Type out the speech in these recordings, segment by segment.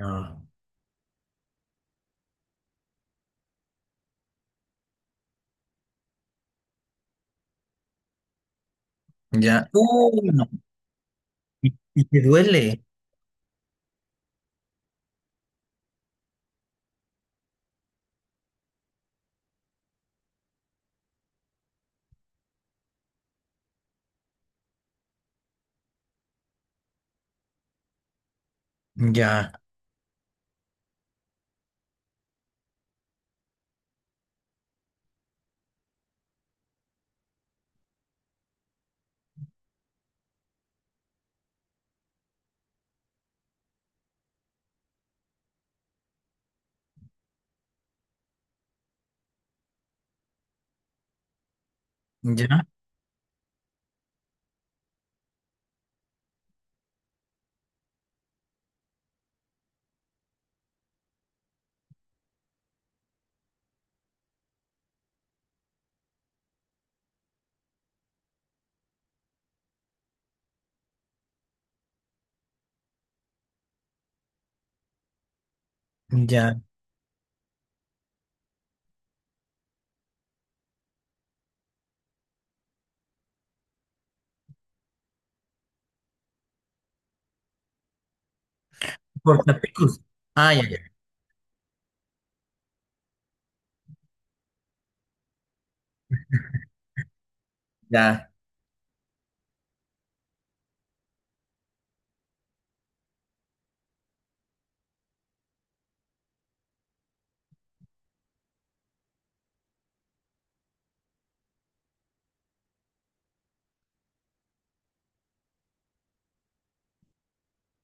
Ah, ya. No. Y te duele. Ya, ya, ya. Cortapicos. Ah, ya, ya, ya.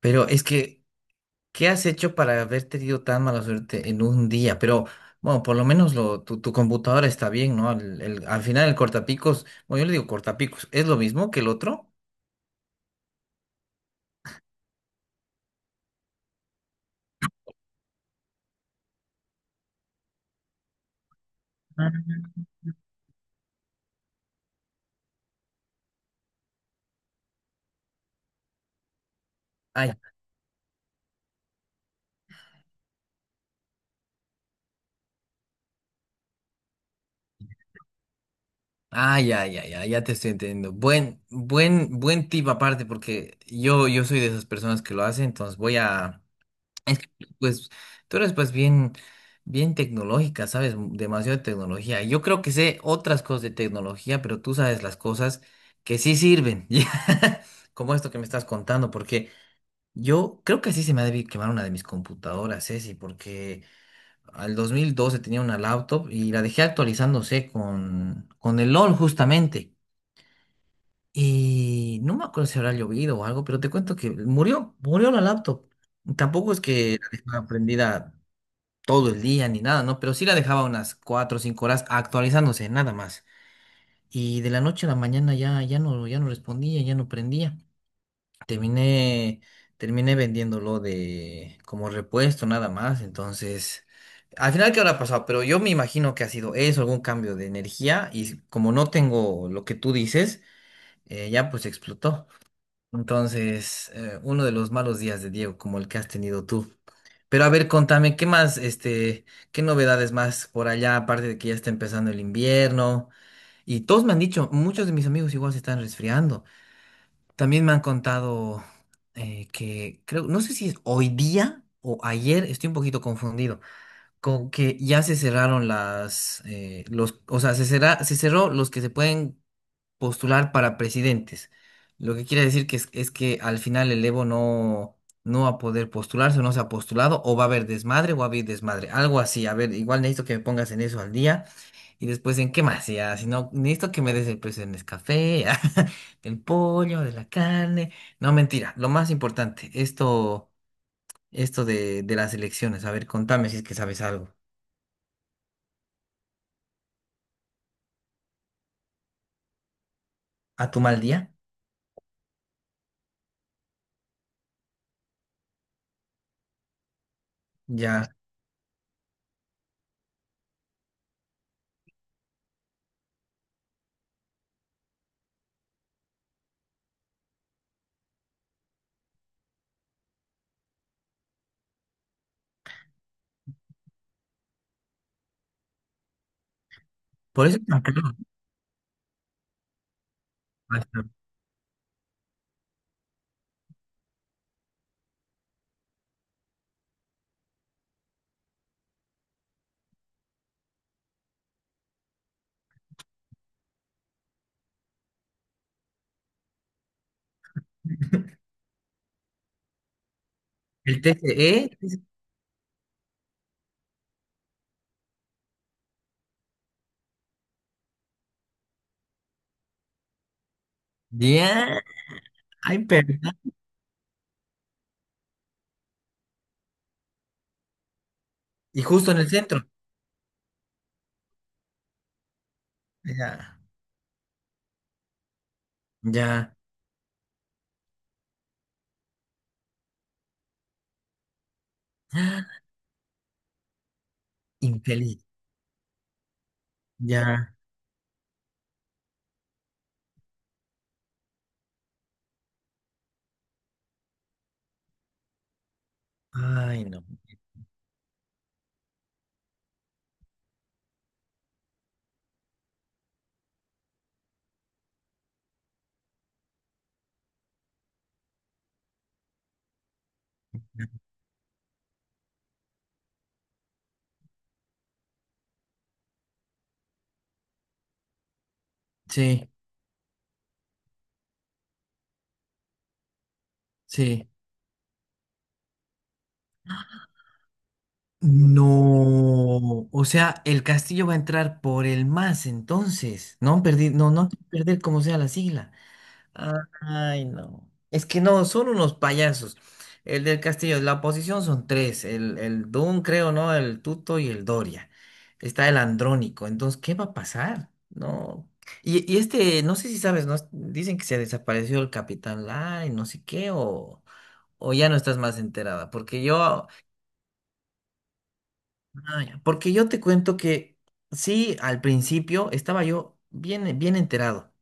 Pero es que, ¿qué has hecho para haber tenido tan mala suerte en un día? Pero, bueno, por lo menos lo, tu computadora está bien, ¿no? Al final el cortapicos, bueno, yo le digo cortapicos, ¿es lo mismo que el otro? Ah, ay, ah, ya, ya, ya, ya te estoy entendiendo. Buen tip aparte, porque yo soy de esas personas que lo hacen, entonces voy a. Es que, pues, tú eres pues bien, bien tecnológica, sabes demasiado de tecnología. Yo creo que sé otras cosas de tecnología, pero tú sabes las cosas que sí sirven, ya, como esto que me estás contando, porque yo creo que así se me ha debido quemar una de mis computadoras, Ceci, porque al 2012 tenía una laptop y la dejé actualizándose con el LOL justamente. Y no me acuerdo si habrá llovido o algo, pero te cuento que murió, murió la laptop. Tampoco es que la dejaba prendida todo el día ni nada, ¿no? Pero sí la dejaba unas cuatro o cinco horas actualizándose, nada más. Y de la noche a la mañana ya, ya no respondía, ya no prendía. Terminé, terminé vendiéndolo de como repuesto, nada más. Entonces, al final, ¿qué habrá pasado? Pero yo me imagino que ha sido eso, algún cambio de energía. Y como no tengo lo que tú dices, ya pues explotó. Entonces, uno de los malos días de Diego, como el que has tenido tú. Pero a ver, contame, ¿qué más, qué novedades más por allá, aparte de que ya está empezando el invierno? Y todos me han dicho, muchos de mis amigos igual se están resfriando. También me han contado que, creo, no sé si es hoy día o ayer, estoy un poquito confundido, con que ya se cerraron las, los, o sea, se cerró los que se pueden postular para presidentes. Lo que quiere decir que es que al final el Evo no, no va a poder postularse, o no se ha postulado, o va a haber desmadre, o va a haber desmadre. Algo así. A ver, igual necesito que me pongas en eso al día. Y después en qué más, ya, si no, necesito que me des el precio del Nescafé, del pollo, de la carne. No, mentira. Lo más importante, esto de las elecciones. A ver, contame si es que sabes algo. ¿A tu mal día? Ya. Por eso es tan caro. El TCE. Ya. Ay, perdón. Y justo en el centro. Ya, ya. Infeliz. Ya. Ay, no. Sí, sí. No. O sea, el castillo va a entrar por el más entonces. No perdí, no, no perder como sea la sigla. Ay, no. Es que no, son unos payasos. El del Castillo, la oposición son tres, el Dun, creo, ¿no? El Tuto y el Doria. Está el Andrónico. Entonces, ¿qué va a pasar? No. Y este, no sé si sabes, ¿no? Dicen que se desapareció el Capitán Lai, no sé qué, o ya no estás más enterada. Porque yo, ay, porque yo te cuento que sí, al principio estaba yo bien, bien enterado.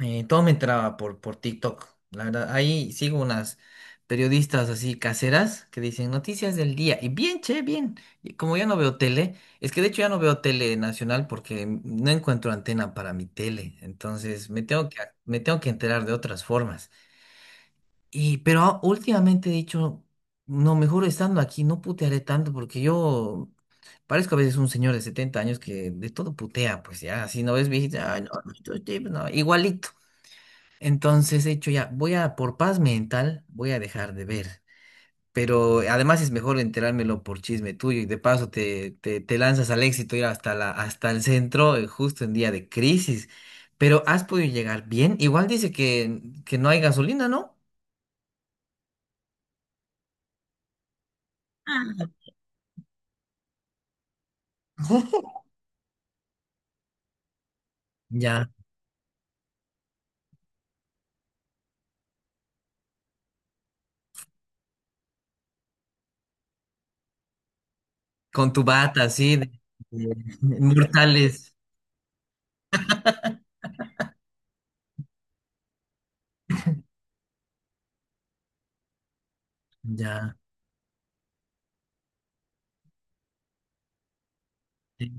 Todo me entraba por TikTok. La verdad, ahí sigo unas periodistas así caseras que dicen noticias del día. Y bien, che, bien. Y como ya no veo tele, es que de hecho ya no veo tele nacional porque no encuentro antena para mi tele. Entonces me tengo que enterar de otras formas. Y, pero últimamente he dicho, no, mejor estando aquí, no putearé tanto porque yo parezco a veces un señor de 70 años que de todo putea, pues ya, si no ves viejito, ay, no, estos tipos, no, no, no". Igualito. Entonces he dicho ya, voy a, por paz mental, voy a dejar de ver. Pero además es mejor enterármelo por chisme tuyo y de paso te, te lanzas al éxito ir hasta la, hasta el centro justo en día de crisis. Pero has podido llegar bien. Igual dice que no hay gasolina, ¿no? Ah. Ya, con tu bata así, de, de- mortales. Ya. Sí.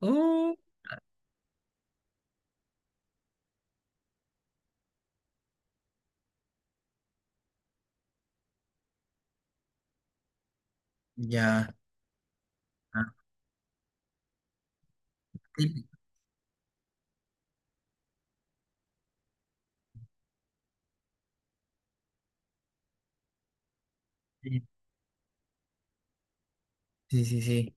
Oh, ya. Ah, sí, sí, sí, sí, sí.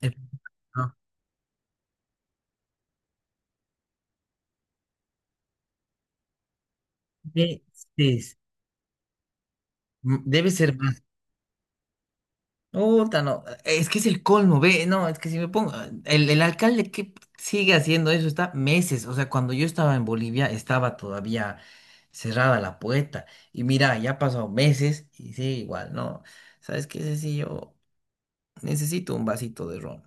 El- ah, sí, sí, m- debe ser más. Puta, no. Es que es el colmo, ve. No, es que si me pongo el alcalde que sigue haciendo eso está meses. O sea, cuando yo estaba en Bolivia, estaba todavía cerrada la puerta. Y mira, ya ha pasado meses y sigue igual, ¿no? ¿Sabes qué, Ceci? Yo necesito un vasito de ron.